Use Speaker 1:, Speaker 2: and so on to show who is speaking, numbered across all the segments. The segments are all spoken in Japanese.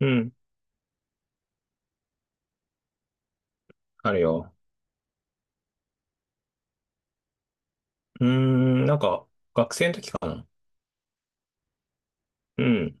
Speaker 1: うん。あるよ。うーん、なんか、学生の時かな。うん。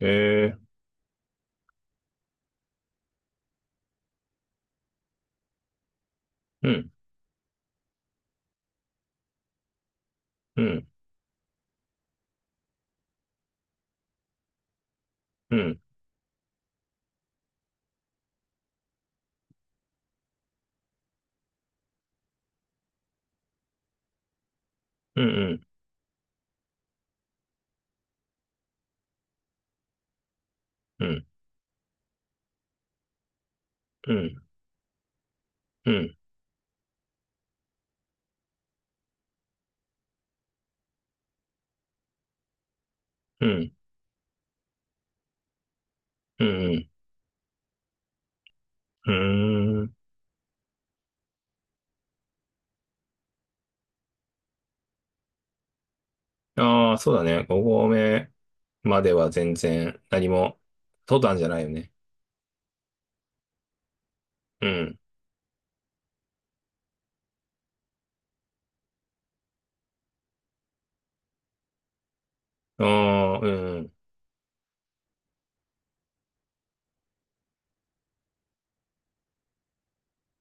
Speaker 1: ええ、うん、うん、うん、うん、うん、うん、うん、うん、うん、うん。うーん。ああ、そうだね。5合目までは全然何も、登山じゃないよね。うん。ああ、うん。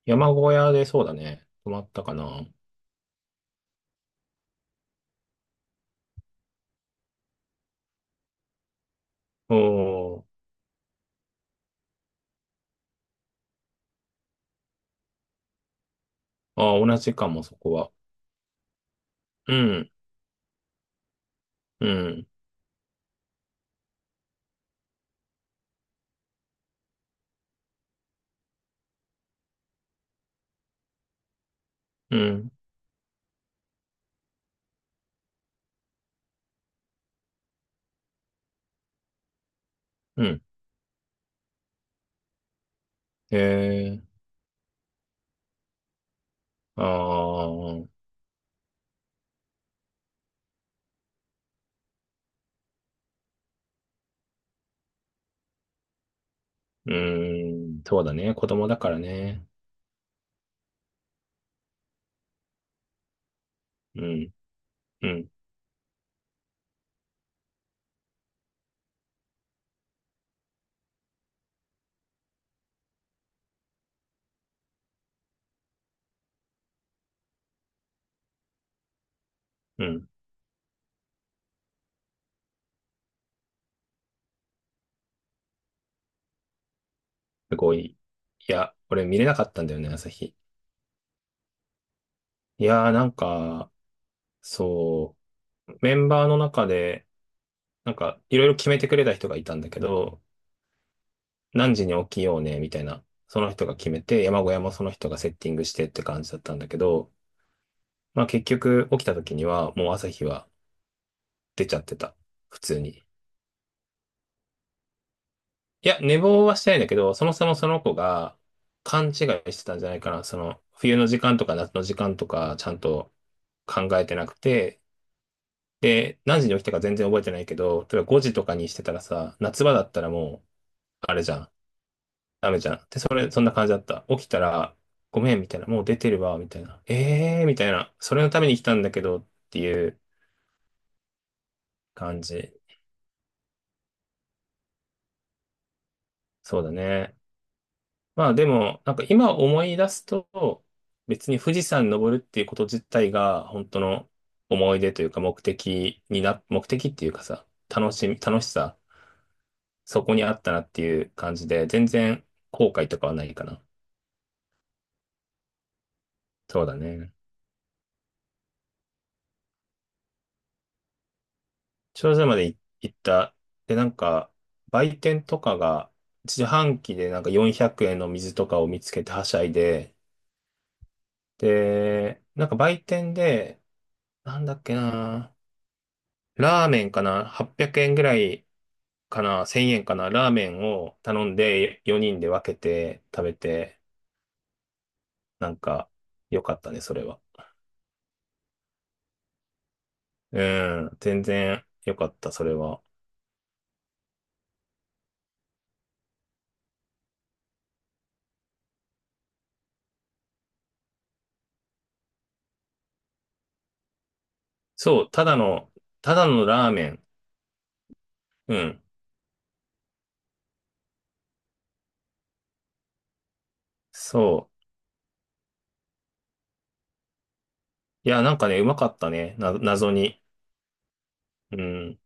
Speaker 1: 山小屋でそうだね。泊まったかな。おー。ああ、同じかも、そこは。うん、うん、うん、うん。ええ、ああ。うーん、そうだね。子供だからね。うん、うん、うん。すごい。いや、俺見れなかったんだよね、朝日。いやー、なんか、そう、メンバーの中で、なんか、いろいろ決めてくれた人がいたんだけど、何時に起きようね、みたいな。その人が決めて、山小屋もその人がセッティングしてって感じだったんだけど、まあ結局起きた時には、もう朝日は出ちゃってた。普通に。いや、寝坊はしてないんだけど、そもそもその子が勘違いしてたんじゃないかな。その、冬の時間とか夏の時間とか、ちゃんと考えてなくて、で、何時に起きたか全然覚えてないけど、例えば5時とかにしてたらさ、夏場だったらもう、あれじゃん、ダメじゃん。で、それ、そんな感じだった。起きたら、ごめん、みたいな、もう出てるわ、みたいな。ええー、みたいな。それのために来たんだけど、っていう感じ。そうだね。まあでも、なんか今思い出すと、別に富士山登るっていうこと自体が、本当の思い出というか目的っていうかさ、楽しみ、楽しさ、そこにあったなっていう感じで、全然後悔とかはないかな。そうだね。頂上まで行った。で、なんか、売店とかが、自販機でなんか400円の水とかを見つけてはしゃいで、で、なんか売店で、なんだっけな、ラーメンかな？ 800 円ぐらいかな？ 1000 円かな、ラーメンを頼んで4人で分けて食べて、なんか良かったね、それは。うん、全然良かった、それは。そう、ただのラーメン。うん、そう。いや、なんかね、うまかったね、謎に。うん。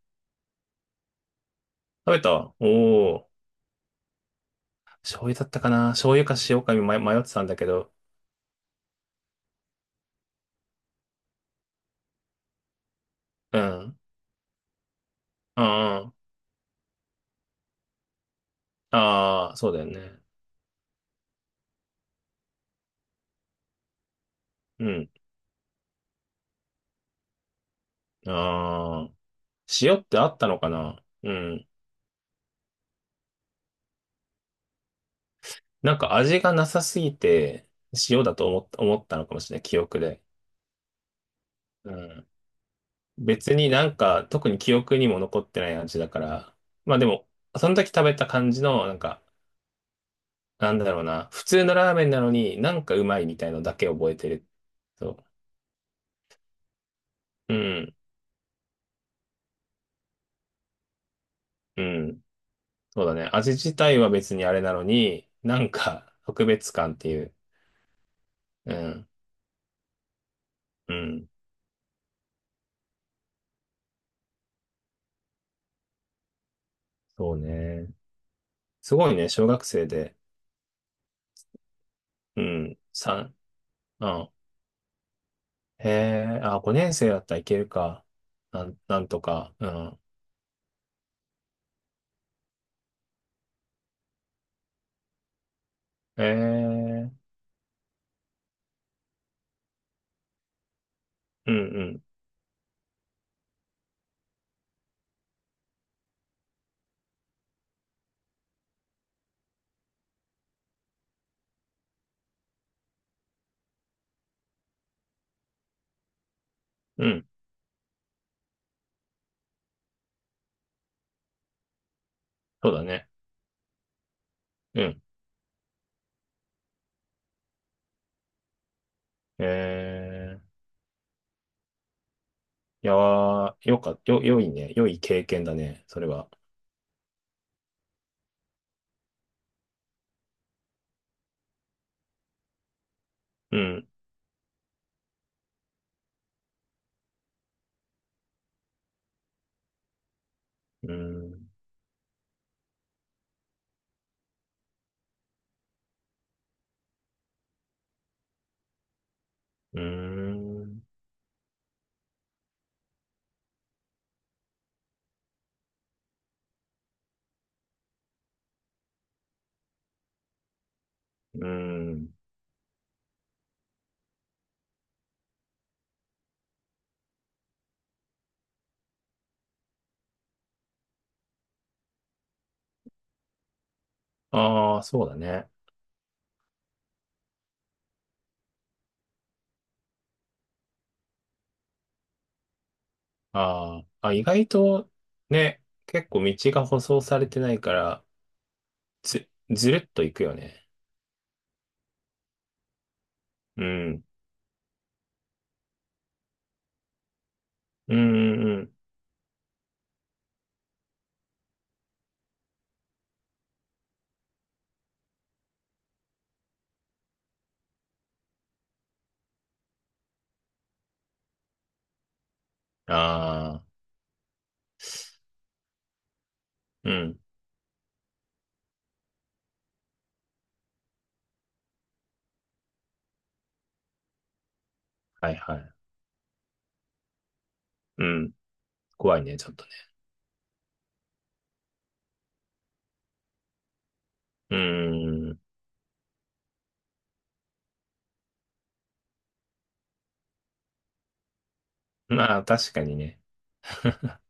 Speaker 1: 食べた、おおー、醤油だったかな、醤油か塩か迷ってたんだけど。うん。ああ、ああ、そうだよね。うん。ああ。塩ってあったのかな、うん。なんか味がなさすぎて、塩だと思ったのかもしれない、記憶で。うん。別になんか、特に記憶にも残ってない味だから。まあでも、その時食べた感じの、なんか、なんだろうな、普通のラーメンなのになんかうまいみたいのだけ覚えてる。そう。うん。うん。そうだね。味自体は別にあれなのに、なんか特別感っていう。うん。うん。そうね。すごいね、小学生で。うん。さ、うん。へえ、あ、5年生だったらいけるか。なんとか。うん。へえ、うんうん。うん。そうだね。うん。へえ、いやー、よか、よ、良いね。良い経験だね、それは。うん。うん。うーん。うん。ああ、そうだね。ああ、あ、意外と、ね、結構道が舗装されてないから、ずるっと行くよね。うん、うん。うん、ああ、うん。はいはい、うん。怖いね、ちょっとね。うーん。まあ、確かにね。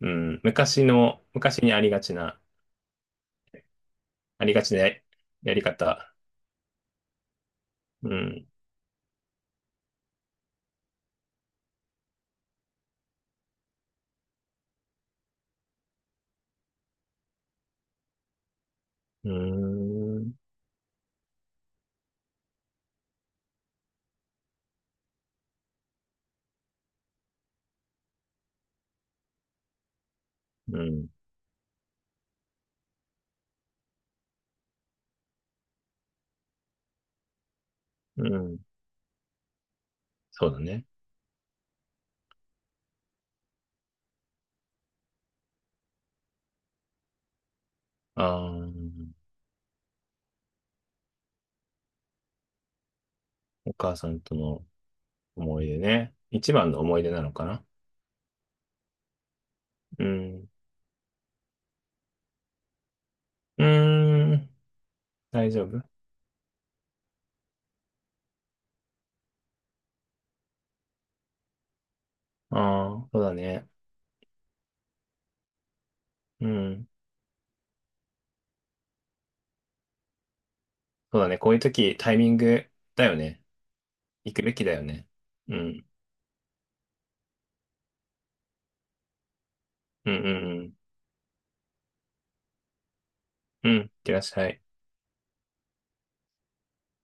Speaker 1: うん。昔にありがちな、ありがちなや、やり方。うん。うーん。うん。うん。そうだね。ああ、お母さんとの思い出ね。一番の思い出なのかな。うん。うーん。大丈夫？ああー、そうだね。うん。そうだね。こういう時、タイミングだよね。行くべきだよね。うん。うんうんうん。うん、いってらっしゃい。